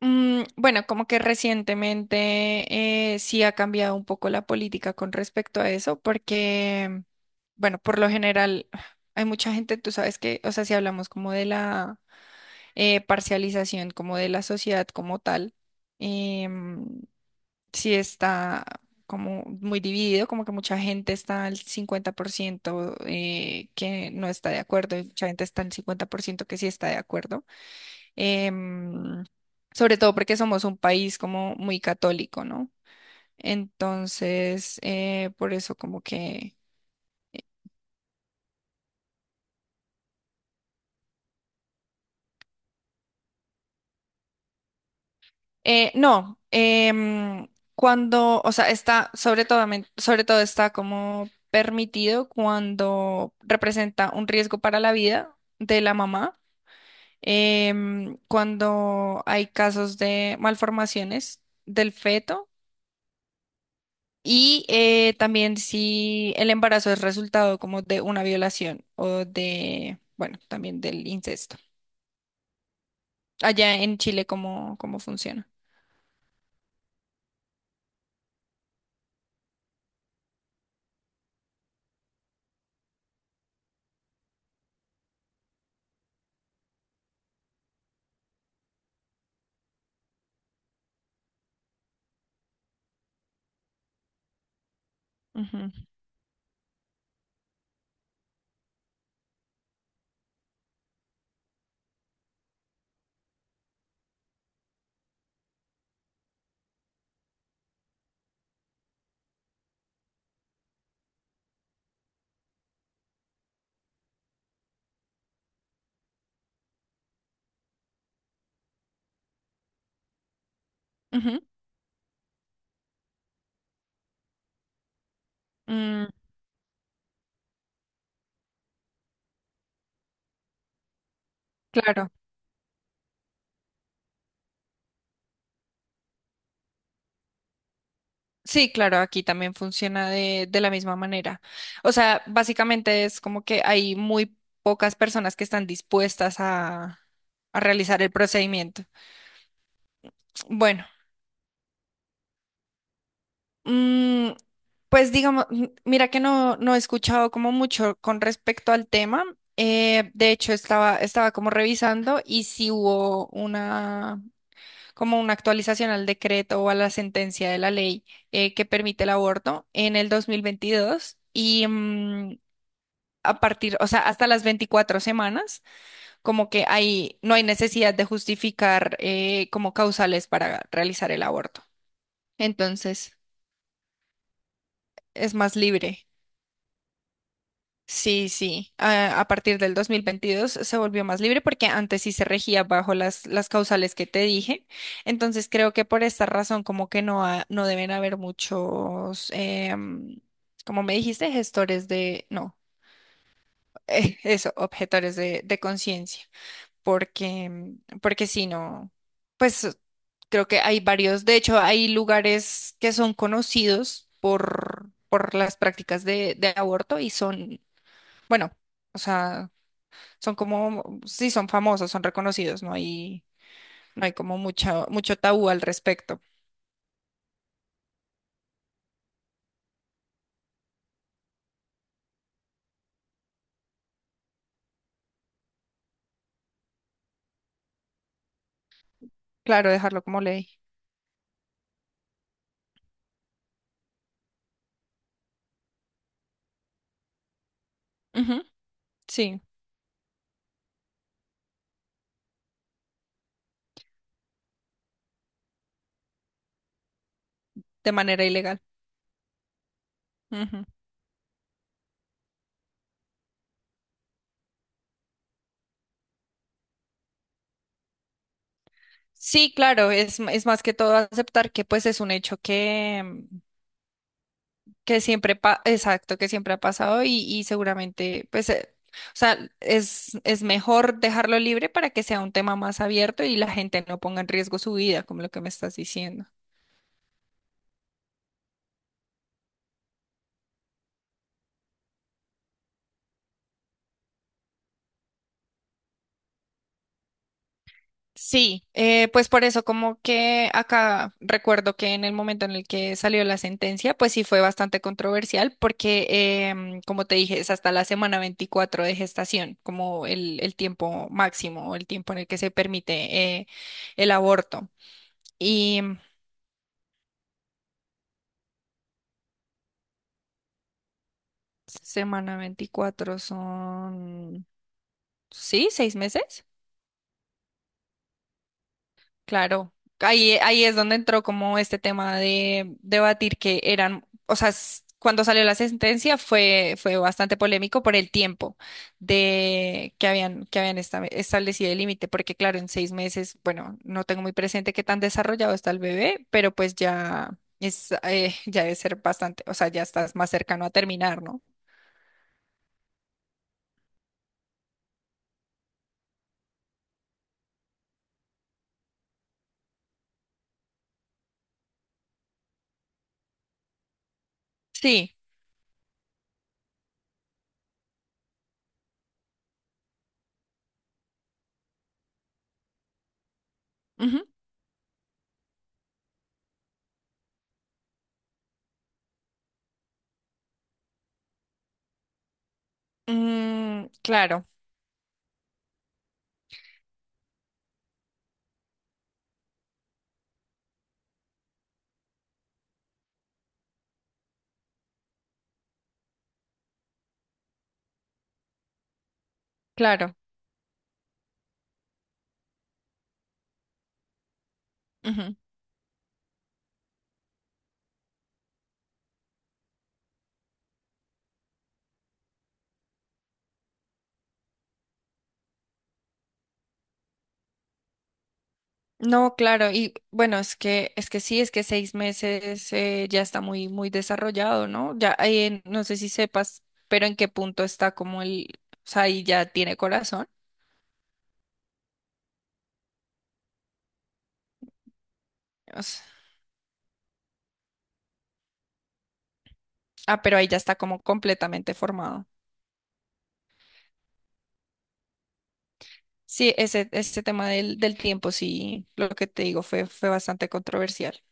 Bueno, como que recientemente sí ha cambiado un poco la política con respecto a eso, porque, bueno, por lo general hay mucha gente, tú sabes que, o sea, si hablamos como de la parcialización, como de la sociedad como tal, em, sí está como muy dividido, como que mucha gente está al 50% que no está de acuerdo y mucha gente está al 50% que sí está de acuerdo, em, sobre todo porque somos un país como muy católico, ¿no? Entonces, por eso como que... no, cuando, o sea, está, sobre todo está como permitido cuando representa un riesgo para la vida de la mamá, cuando hay casos de malformaciones del feto. Y también si el embarazo es resultado como de una violación o de, bueno, también del incesto. Allá en Chile, ¿cómo, cómo funciona? Ujú, ujú, mm, claro. Sí, claro, aquí también funciona de la misma manera. O sea, básicamente es como que hay muy pocas personas que están dispuestas a realizar el procedimiento. Bueno. Mm, pues digamos, mira que no, no he escuchado como mucho con respecto al tema. De hecho, estaba, estaba como revisando y si hubo una, como una actualización al decreto o a la sentencia de la ley que permite el aborto en el 2022 y a partir, o sea, hasta las 24 semanas, como que hay, no hay necesidad de justificar como causales para realizar el aborto. Entonces, es más libre. Sí, sí. A partir del 2022 se volvió más libre porque antes sí se regía bajo las causales que te dije. Entonces creo que por esta razón como que no, ha- no deben haber muchos, como me dijiste, gestores de, no, eso, objetores de conciencia. Porque, porque si no, pues creo que hay varios, de hecho hay lugares que son conocidos por las prácticas de aborto y son, bueno. O sea, son como, sí, son famosos, son reconocidos, no hay, no hay como mucho, mucho tabú al respecto. Claro, dejarlo como ley. Ujú, sí, de manera ilegal. Ujú. Sí, claro, es, m- es más que todo aceptar que pues es un hecho que, que siempre, pa- exacto, que siempre ha pasado y seguramente pues, o sea, es mejor dejarlo libre para que sea un tema más abierto y la gente no ponga en riesgo su vida, como lo que me estás diciendo. Sí, pues por eso como que acá recuerdo que en el momento en el que salió la sentencia, pues sí fue bastante controversial porque, como te dije, es hasta la semana 24 de gestación, como el tiempo máximo o el tiempo en el que se permite el aborto. Y semana 24 son, sí, 6 meses. Claro, ahí, ahí es donde entró como este tema de debatir que eran, o sea, s- cuando salió la sentencia fue, fue bastante polémico por el tiempo de que habían esta- establecido el límite, porque claro, en 6 meses, bueno, no tengo muy presente qué tan desarrollado está el bebé, pero pues ya es, ya debe ser bastante, o sea, ya estás más cercano a terminar, ¿no? Sí. Ujú. Mm, claro, claro. No, claro, y bueno, es que sí, es que 6 meses ya está muy, muy desarrollado, ¿no? Ya, no sé si sepas, pero en qué punto está como el, o sea, ahí ya tiene corazón. O sea, ah, pero ahí ya está como completamente formado. Sí, ese tema del, del tiempo, sí, lo que te digo fue, fue bastante controversial.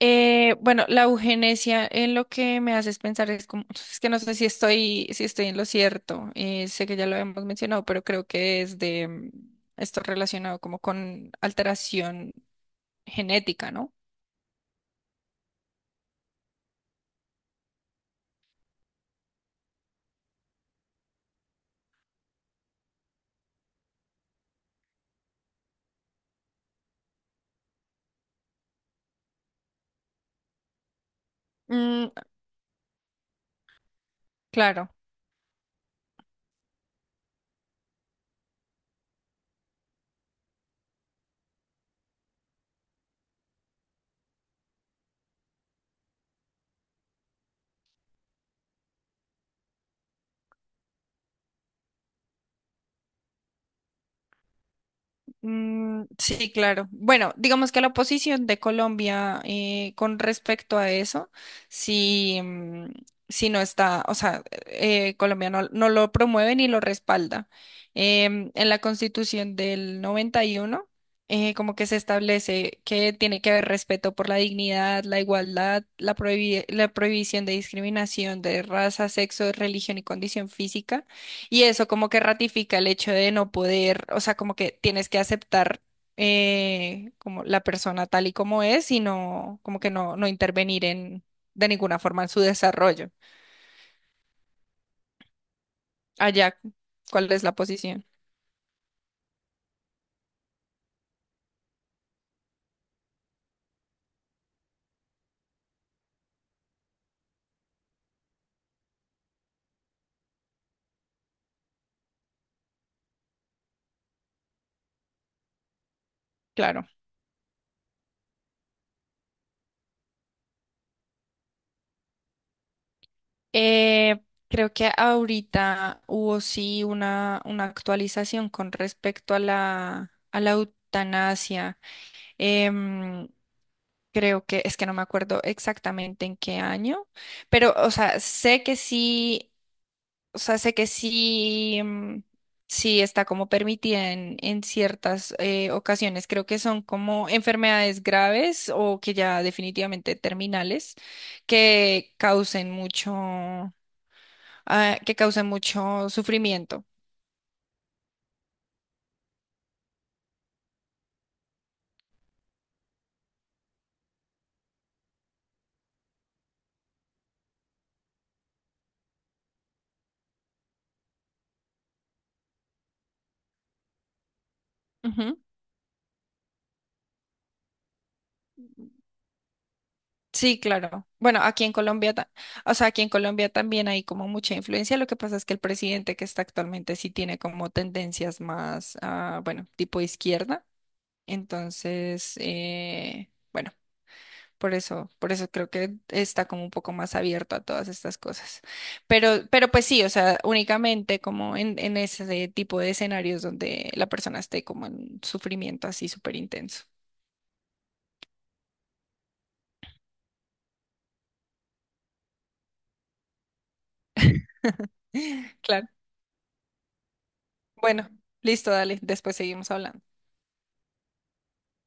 Bueno, la eugenesia en lo que me haces pensar es como, es que no sé si estoy, si estoy en lo cierto, sé que ya lo hemos mencionado, pero creo que es de esto relacionado como con alteración genética, ¿no? Mm, claro. Mm, sí, claro. Bueno, digamos que la posición de Colombia con respecto a eso, si, si no está, o sea, Colombia no, no lo promueve ni lo respalda. En la Constitución del 91, como que se establece que tiene que haber respeto por la dignidad, la igualdad, la prohibi- la prohibición de discriminación de raza, sexo, religión y condición física y eso como que ratifica el hecho de no poder, o sea, como que tienes que aceptar como la persona tal y como es y no, como que no, no intervenir en, de ninguna forma en su desarrollo. Allá, ¿cuál es la posición? Claro. Eh, creo que ahorita hubo sí una actualización con respecto a la eutanasia. Em, creo que es que no me acuerdo exactamente en qué año, pero, o sea, sé que sí, o sea, sé que sí, sí está como permitida en ciertas ocasiones. Creo que son como enfermedades graves o que ya definitivamente terminales que causen mucho, ah, que causen mucho sufrimiento. Ujú. Sí, claro. Bueno, aquí en Colombia, ta- o sea, aquí en Colombia también hay como mucha influencia. Lo que pasa es que el presidente que está actualmente sí tiene como tendencias más, ah, bueno, tipo izquierda. Entonces, bueno. Por eso creo que está como un poco más abierto a todas estas cosas. Pero pues sí, o sea, únicamente como en ese tipo de escenarios donde la persona esté como en sufrimiento así súper intenso. Claro. Bueno, listo, dale, después seguimos hablando.